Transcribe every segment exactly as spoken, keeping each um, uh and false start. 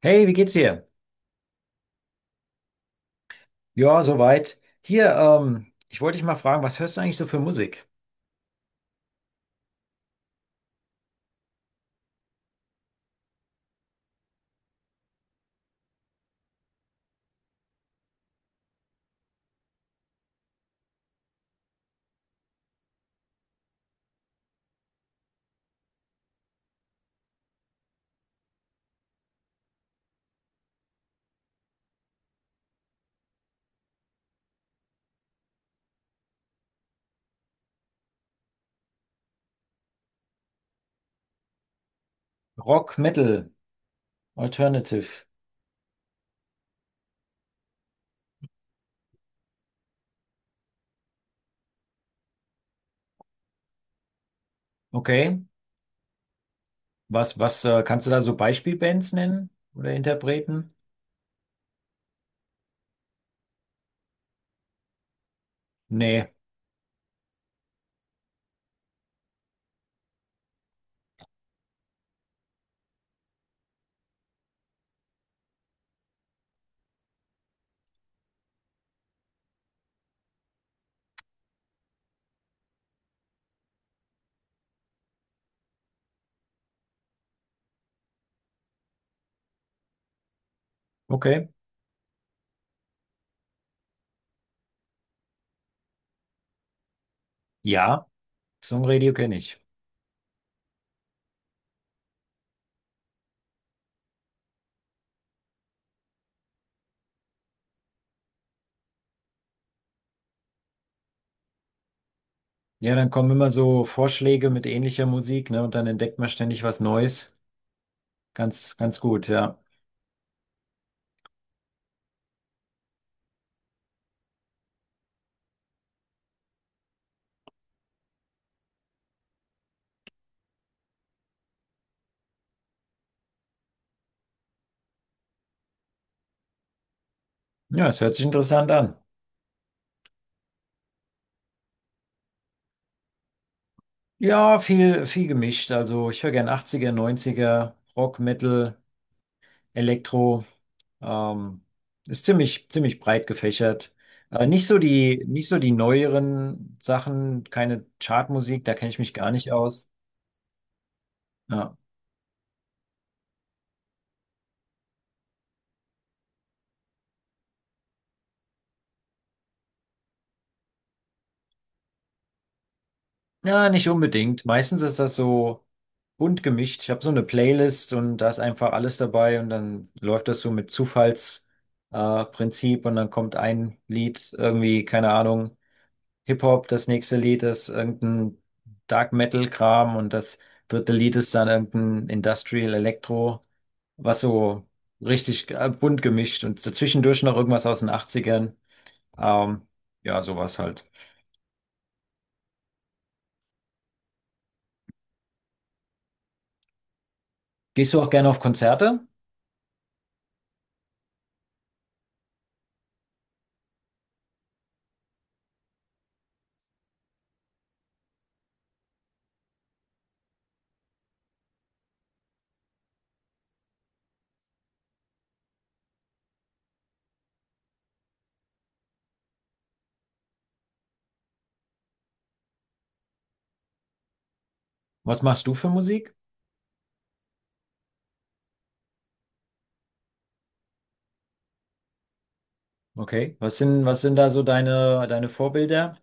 Hey, wie geht's dir? Ja, soweit. Hier, ähm, ich wollte dich mal fragen, was hörst du eigentlich so für Musik? Rock, Metal, Alternative. Okay. Was, was, äh, kannst du da so Beispielbands nennen oder Interpreten? Nee. Okay. Ja, Songradio kenne ich. Ja, dann kommen immer so Vorschläge mit ähnlicher Musik, ne? Und dann entdeckt man ständig was Neues. Ganz, ganz gut, ja. Ja, es hört sich interessant an. Ja, viel, viel gemischt. Also ich höre gern achtziger, neunziger, Rock, Metal. Elektro. Ähm, Ist ziemlich, ziemlich breit gefächert. Äh, nicht so die, nicht so die neueren Sachen, keine Chartmusik, da kenne ich mich gar nicht aus. Ja. Ja, nicht unbedingt. Meistens ist das so bunt gemischt. Ich habe so eine Playlist und da ist einfach alles dabei und dann läuft das so mit Zufallsprinzip äh, Prinzip, und dann kommt ein Lied irgendwie, keine Ahnung. Hip-Hop, das nächste Lied ist irgendein Dark Metal-Kram und das dritte Lied ist dann irgendein Industrial Electro, was so richtig äh, bunt gemischt und zwischendurch noch irgendwas aus den Achtzigern. Ähm, ja, sowas halt. Gehst du auch gerne auf Konzerte? Was machst du für Musik? Okay. Was sind, was sind da so deine, deine Vorbilder?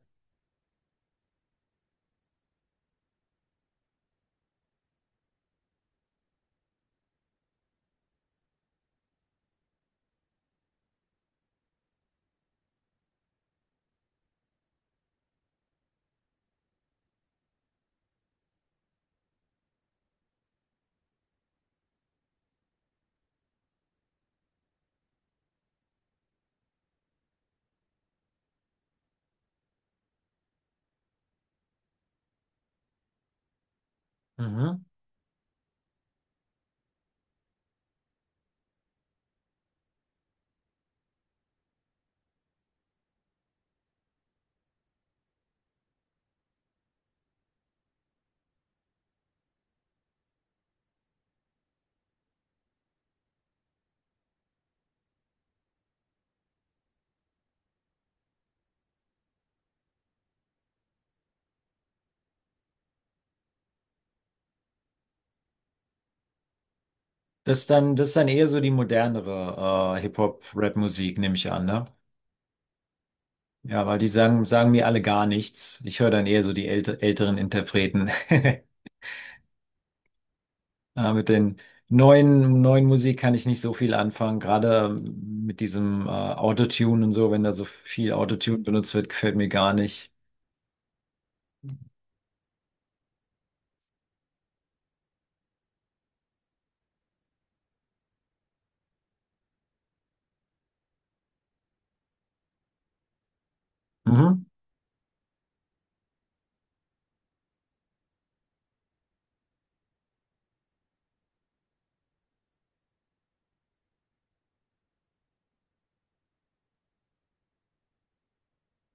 Mhm. Das ist dann, das ist dann eher so die modernere äh, Hip-Hop-Rap-Musik, nehme ich an, ne? Ja, weil die sagen, sagen mir alle gar nichts. Ich höre dann eher so die älte, älteren Interpreten. Äh, Mit den neuen, neuen Musik kann ich nicht so viel anfangen. Gerade ähm, mit diesem äh, Autotune und so, wenn da so viel Autotune benutzt wird, gefällt mir gar nicht. Mhm.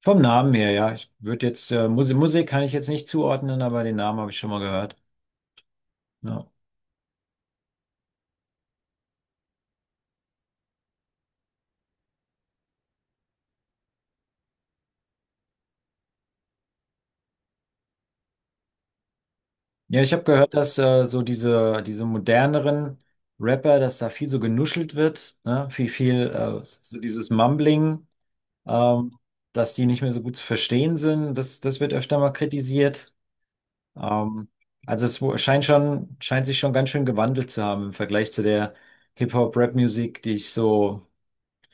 Vom Namen her, ja. Ich würde jetzt, äh, Musik, Musik kann ich jetzt nicht zuordnen, aber den Namen habe ich schon mal gehört. Ja, ja, ich habe gehört, dass äh, so diese, diese moderneren Rapper, dass da viel so genuschelt wird, ne? Viel, viel äh, so dieses Mumbling. ähm, dass die nicht mehr so gut zu verstehen sind. Das, das wird öfter mal kritisiert. Ähm, also es wo- scheint schon, scheint sich schon ganz schön gewandelt zu haben im Vergleich zu der Hip-Hop-Rap-Musik, die ich so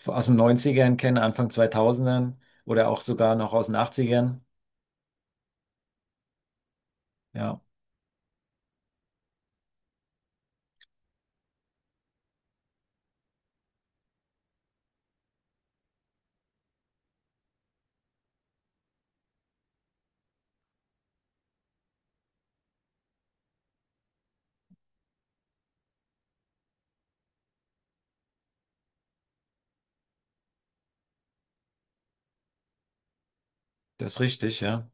aus den Neunzigern kenne, Anfang zweitausendern oder auch sogar noch aus den Achtzigern. Ja, das ist richtig, ja.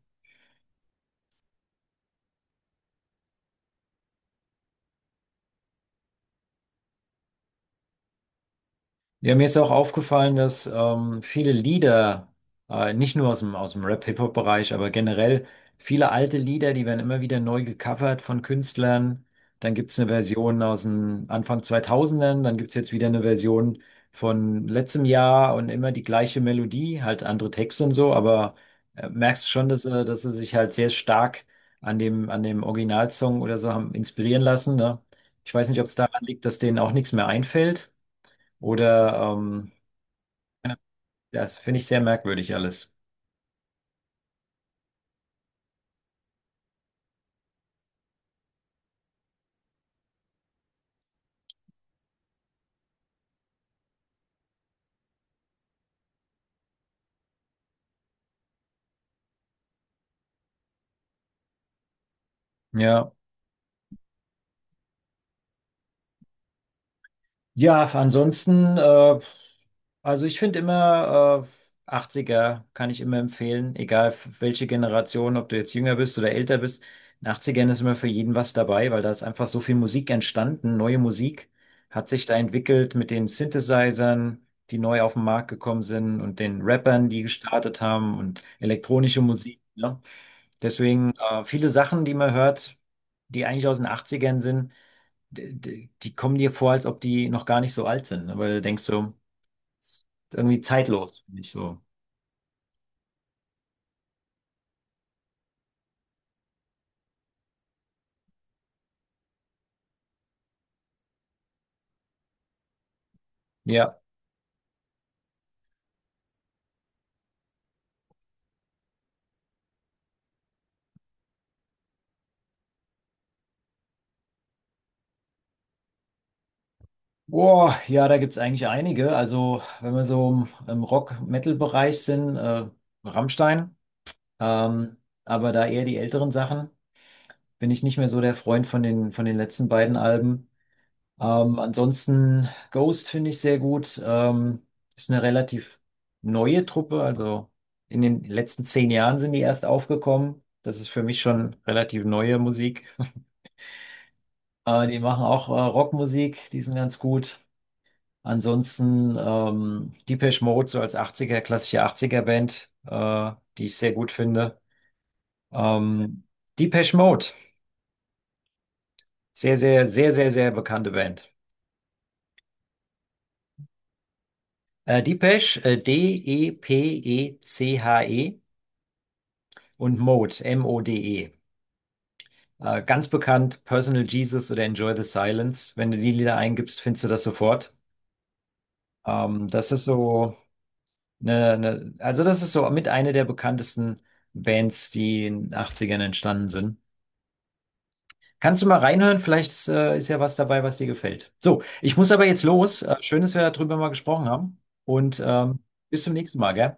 Ja, mir ist auch aufgefallen, dass ähm, viele Lieder, äh, nicht nur aus dem, aus dem Rap-Hip-Hop-Bereich, aber generell viele alte Lieder, die werden immer wieder neu gecovert von Künstlern. Dann gibt es eine Version aus den Anfang zweitausend. Dann gibt es jetzt wieder eine Version von letztem Jahr und immer die gleiche Melodie, halt andere Texte und so, aber äh, merkst schon, dass, äh, dass sie sich halt sehr stark an dem, an dem Originalsong oder so haben inspirieren lassen, ne? Ich weiß nicht, ob es daran liegt, dass denen auch nichts mehr einfällt. Oder ähm, das finde ich sehr merkwürdig alles. Ja. Ja, ansonsten äh, also ich finde immer, äh, achtziger kann ich immer empfehlen, egal f- welche Generation, ob du jetzt jünger bist oder älter bist. In achtzigern ist immer für jeden was dabei, weil da ist einfach so viel Musik entstanden, neue Musik hat sich da entwickelt mit den Synthesizern, die neu auf den Markt gekommen sind, und den Rappern, die gestartet haben, und elektronische Musik. Ne? Deswegen äh, viele Sachen, die man hört, die eigentlich aus den achtzigern sind, d- d- die kommen dir vor, als ob die noch gar nicht so alt sind, ne? Weil du denkst so, ist irgendwie zeitlos, finde ich so. Ja. Boah, ja, da gibt's eigentlich einige. Also, wenn wir so im, im Rock-Metal-Bereich sind, äh, Rammstein, ähm, aber da eher die älteren Sachen, bin ich nicht mehr so der Freund von den, von den letzten beiden Alben. Ähm, ansonsten Ghost finde ich sehr gut. Ähm, ist eine relativ neue Truppe, also in den letzten zehn Jahren sind die erst aufgekommen. Das ist für mich schon relativ neue Musik. Äh, die machen auch äh, Rockmusik, die sind ganz gut. Ansonsten ähm, Depeche Mode, so als achtziger, klassische achtziger-Band, äh, die ich sehr gut finde. Ähm, Depeche Mode, sehr, sehr, sehr, sehr, sehr bekannte Band. Äh, Depeche, äh, D E P E C H E, und Mode, M O D E. Äh, ganz bekannt, Personal Jesus oder Enjoy the Silence. Wenn du die Lieder eingibst, findest du das sofort. Ähm, das ist so. Ne, ne, also das ist so mit einer der bekanntesten Bands, die in den Achtzigern entstanden sind. Kannst du mal reinhören? Vielleicht ist, äh, ist ja was dabei, was dir gefällt. So, ich muss aber jetzt los. Äh, schön, dass wir darüber mal gesprochen haben. Und ähm, bis zum nächsten Mal, gell?